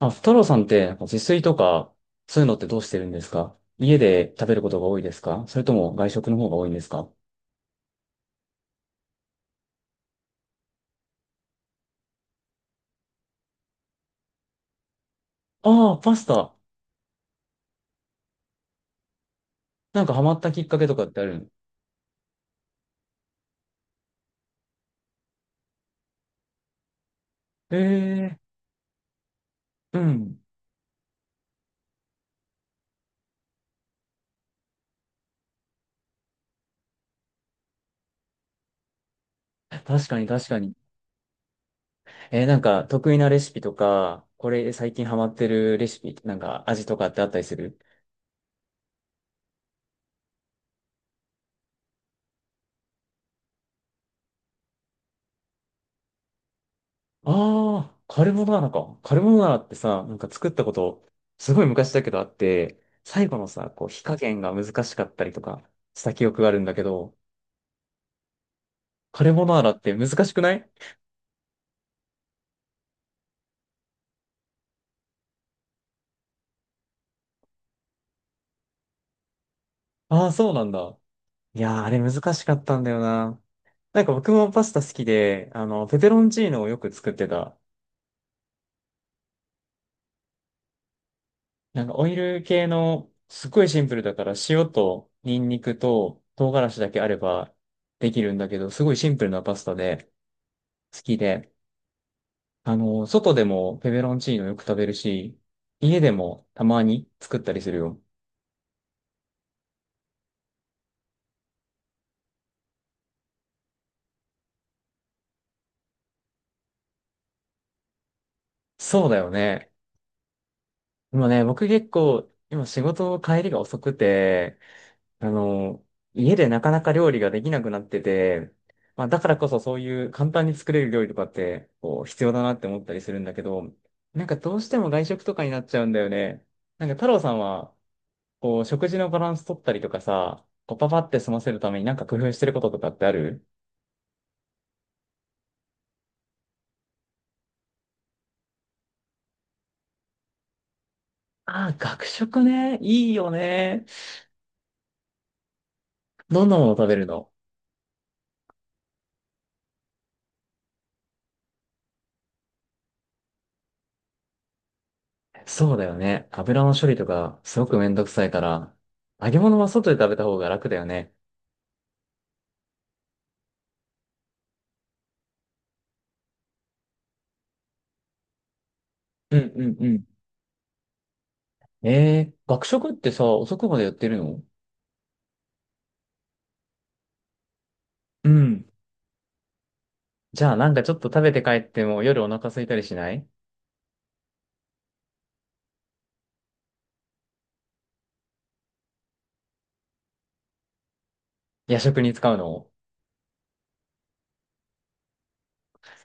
あ、太郎さんって、自炊とか、そういうのってどうしてるんですか？家で食べることが多いですか？それとも外食の方が多いんですか？ああ、パスタ。ハマったきっかけとかってある？ええー、うん。確かに確かに。えー、得意なレシピとか、これ最近ハマってるレシピ、味とかってあったりする？ああカルボナーラか。カルボナーラってさ、作ったこと、すごい昔だけどあって、最後のさ、こう火加減が難しかったりとかした記憶があるんだけど、カルボナーラって難しくない？ああー、そうなんだ。いやー、あれ難しかったんだよな。僕もパスタ好きで、ペペロンチーノをよく作ってた。オイル系の、すっごいシンプルだから塩とニンニクと唐辛子だけあればできるんだけど、すごいシンプルなパスタで好きで、外でもペペロンチーノよく食べるし、家でもたまに作ったりするよ。そうだよね。今ね、僕結構、今仕事帰りが遅くて、あの、家でなかなか料理ができなくなってて、まあだからこそそういう簡単に作れる料理とかってこう必要だなって思ったりするんだけど、なんかどうしても外食とかになっちゃうんだよね。太郎さんはこう食事のバランス取ったりとかさ、こうパパって済ませるために工夫してることとかってある？ああー、学食ね。いいよね。どんなもの食べるの？そうだよね。油の処理とかすごくめんどくさいから、揚げ物は外で食べた方が楽だよね。うんうんうん。えー、学食ってさ、遅くまでやってるの？うん。じゃあなんかちょっと食べて帰っても夜お腹空いたりしない？夜食に使うの？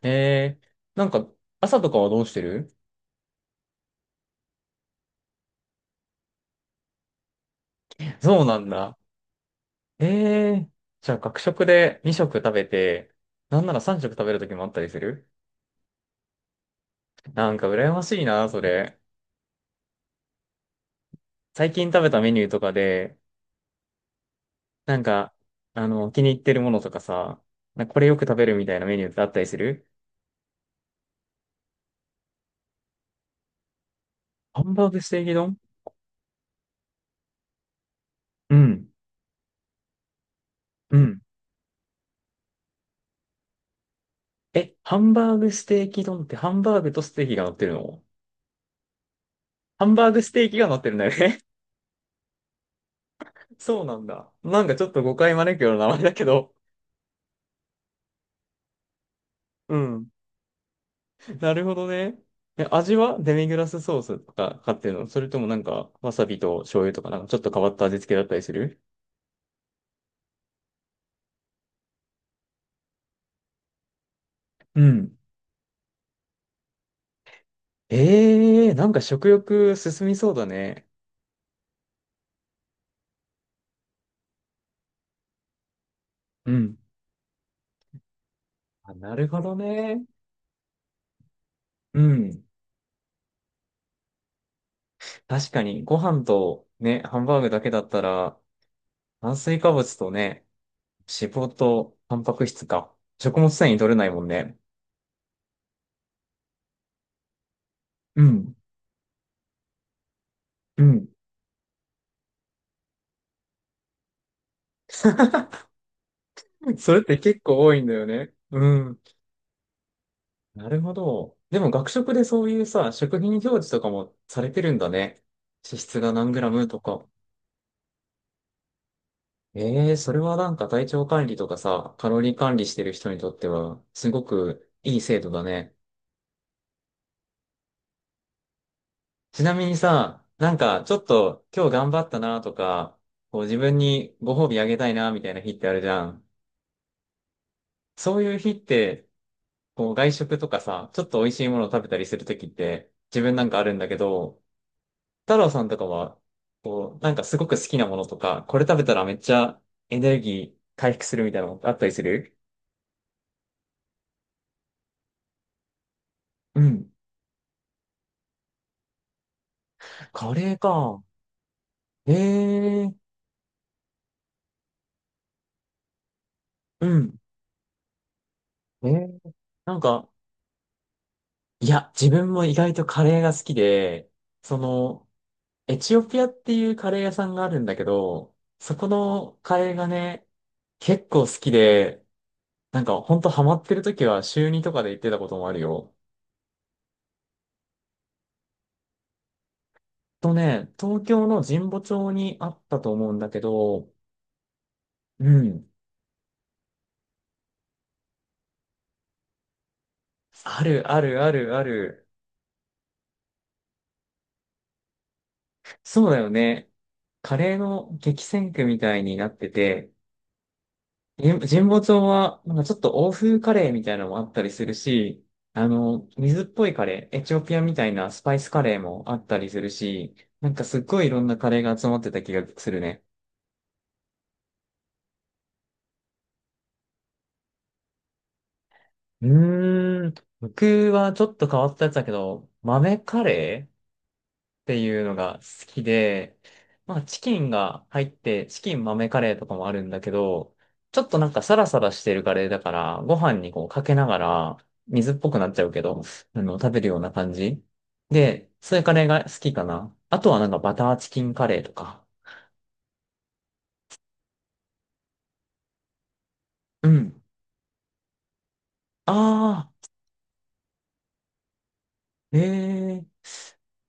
えー、なんか朝とかはどうしてる？そうなんだ。えー、じゃあ学食で2食食べて、なんなら3食食べる時もあったりする？なんか羨ましいな、それ。最近食べたメニューとかで、なんか、気に入ってるものとかさ、なんかこれよく食べるみたいなメニューってあったりする？ハンバーグステーキ丼。うん。うん。え、ハンバーグステーキ丼ってハンバーグとステーキが乗ってるの？ハンバーグステーキが乗ってるんだよね。そうなんだ。なんかちょっと誤解招くような名前だけど。うん。なるほどね。え、味はデミグラスソースとか買ってるの？それともなんかわさびと醤油とかなんかちょっと変わった味付けだったりする？うん。ええー、なんか食欲進みそうだね。うん。あ、なるほどね。うん。確かにご飯とね、ハンバーグだけだったら炭水化物とね、脂肪とタンパク質か。食物繊維取れないもんね。うん。うん。それって結構多いんだよね。うん。なるほど。でも学食でそういうさ、食品表示とかもされてるんだね。脂質が何グラムとか。ええそれはなんか体調管理とかさ、カロリー管理してる人にとっては、すごくいい制度だね。ちなみにさ、なんかちょっと今日頑張ったなとか、こう自分にご褒美あげたいなみたいな日ってあるじゃん。そういう日ってこう外食とかさ、ちょっと美味しいものを食べたりするときって自分なんかあるんだけど、太郎さんとかは、こう、なんかすごく好きなものとか、これ食べたらめっちゃエネルギー回復するみたいなのあったりする？うん。カレーか。ええうん。えーなんか、いや、自分も意外とカレーが好きで、その、エチオピアっていうカレー屋さんがあるんだけど、そこのカレーがね、結構好きで、なんか、ほんとハマってる時は週にとかで行ってたこともあるよ。とね、東京の神保町にあったと思うんだけど、うん。あるあるあるある。そうだよね。カレーの激戦区みたいになってて、神保町は、なんかちょっと欧風カレーみたいなのもあったりするし、水っぽいカレー、エチオピアみたいなスパイスカレーもあったりするし、なんかすっごいいろんなカレーが集まってた気がするね。うーん。僕はちょっと変わったやつだけど、豆カレーっていうのが好きで、まあチキンが入って、チキン豆カレーとかもあるんだけど、ちょっとなんかサラサラしてるカレーだから、ご飯にこうかけながら、水っぽくなっちゃうけど、食べるような感じ。で、そういうカレーが好きかな。あとはなんかバターチキンカレーとか。うん。ああ。ええ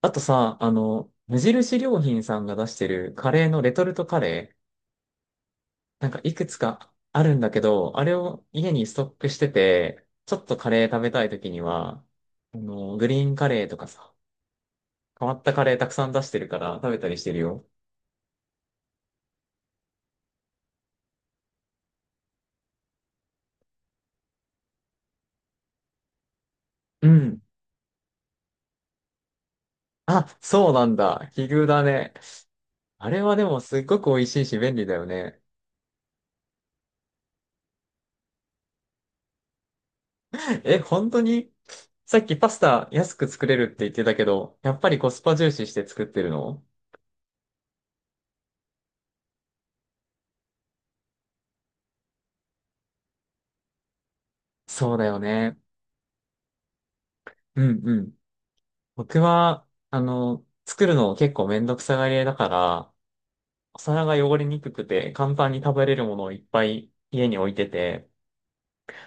あとさ、無印良品さんが出してるカレーのレトルトカレー、なんかいくつかあるんだけど、あれを家にストックしてて、ちょっとカレー食べたい時には、グリーンカレーとかさ、変わったカレーたくさん出してるから食べたりしてるよ。うん。あ、そうなんだ。奇遇だね。あれはでもすっごく美味しいし便利だよね。え、本当に？さっきパスタ安く作れるって言ってたけど、やっぱりコスパ重視して作ってるの？そうだよね。うんうん。僕は、作るの結構めんどくさがり屋だから、お皿が汚れにくくて簡単に食べれるものをいっぱい家に置いてて、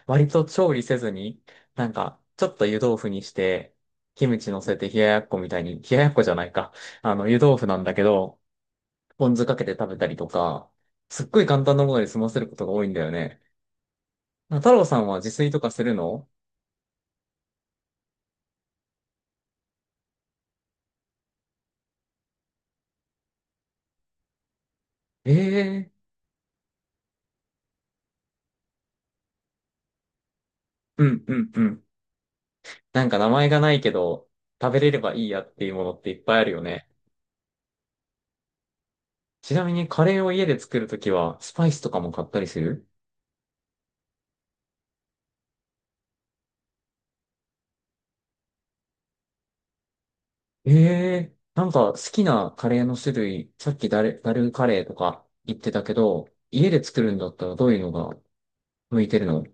割と調理せずに、なんか、ちょっと湯豆腐にして、キムチ乗せて冷ややっこみたいに、冷ややっこじゃないか。湯豆腐なんだけど、ポン酢かけて食べたりとか、すっごい簡単なもので済ませることが多いんだよね。太郎さんは自炊とかするの？ええーうんうんうん。なんか名前がないけど、食べれればいいやっていうものっていっぱいあるよね。ちなみにカレーを家で作るときは、スパイスとかも買ったりする？ええー、なんか好きなカレーの種類、さっきダル、ダルカレーとか言ってたけど、家で作るんだったらどういうのが向いてるの？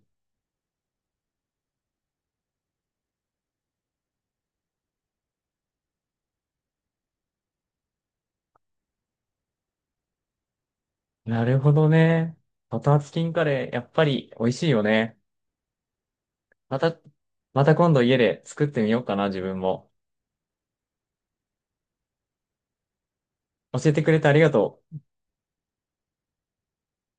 なるほどね。バターチキンカレー、やっぱり美味しいよね。また、また今度家で作ってみようかな、自分も。教えてくれてありがとう。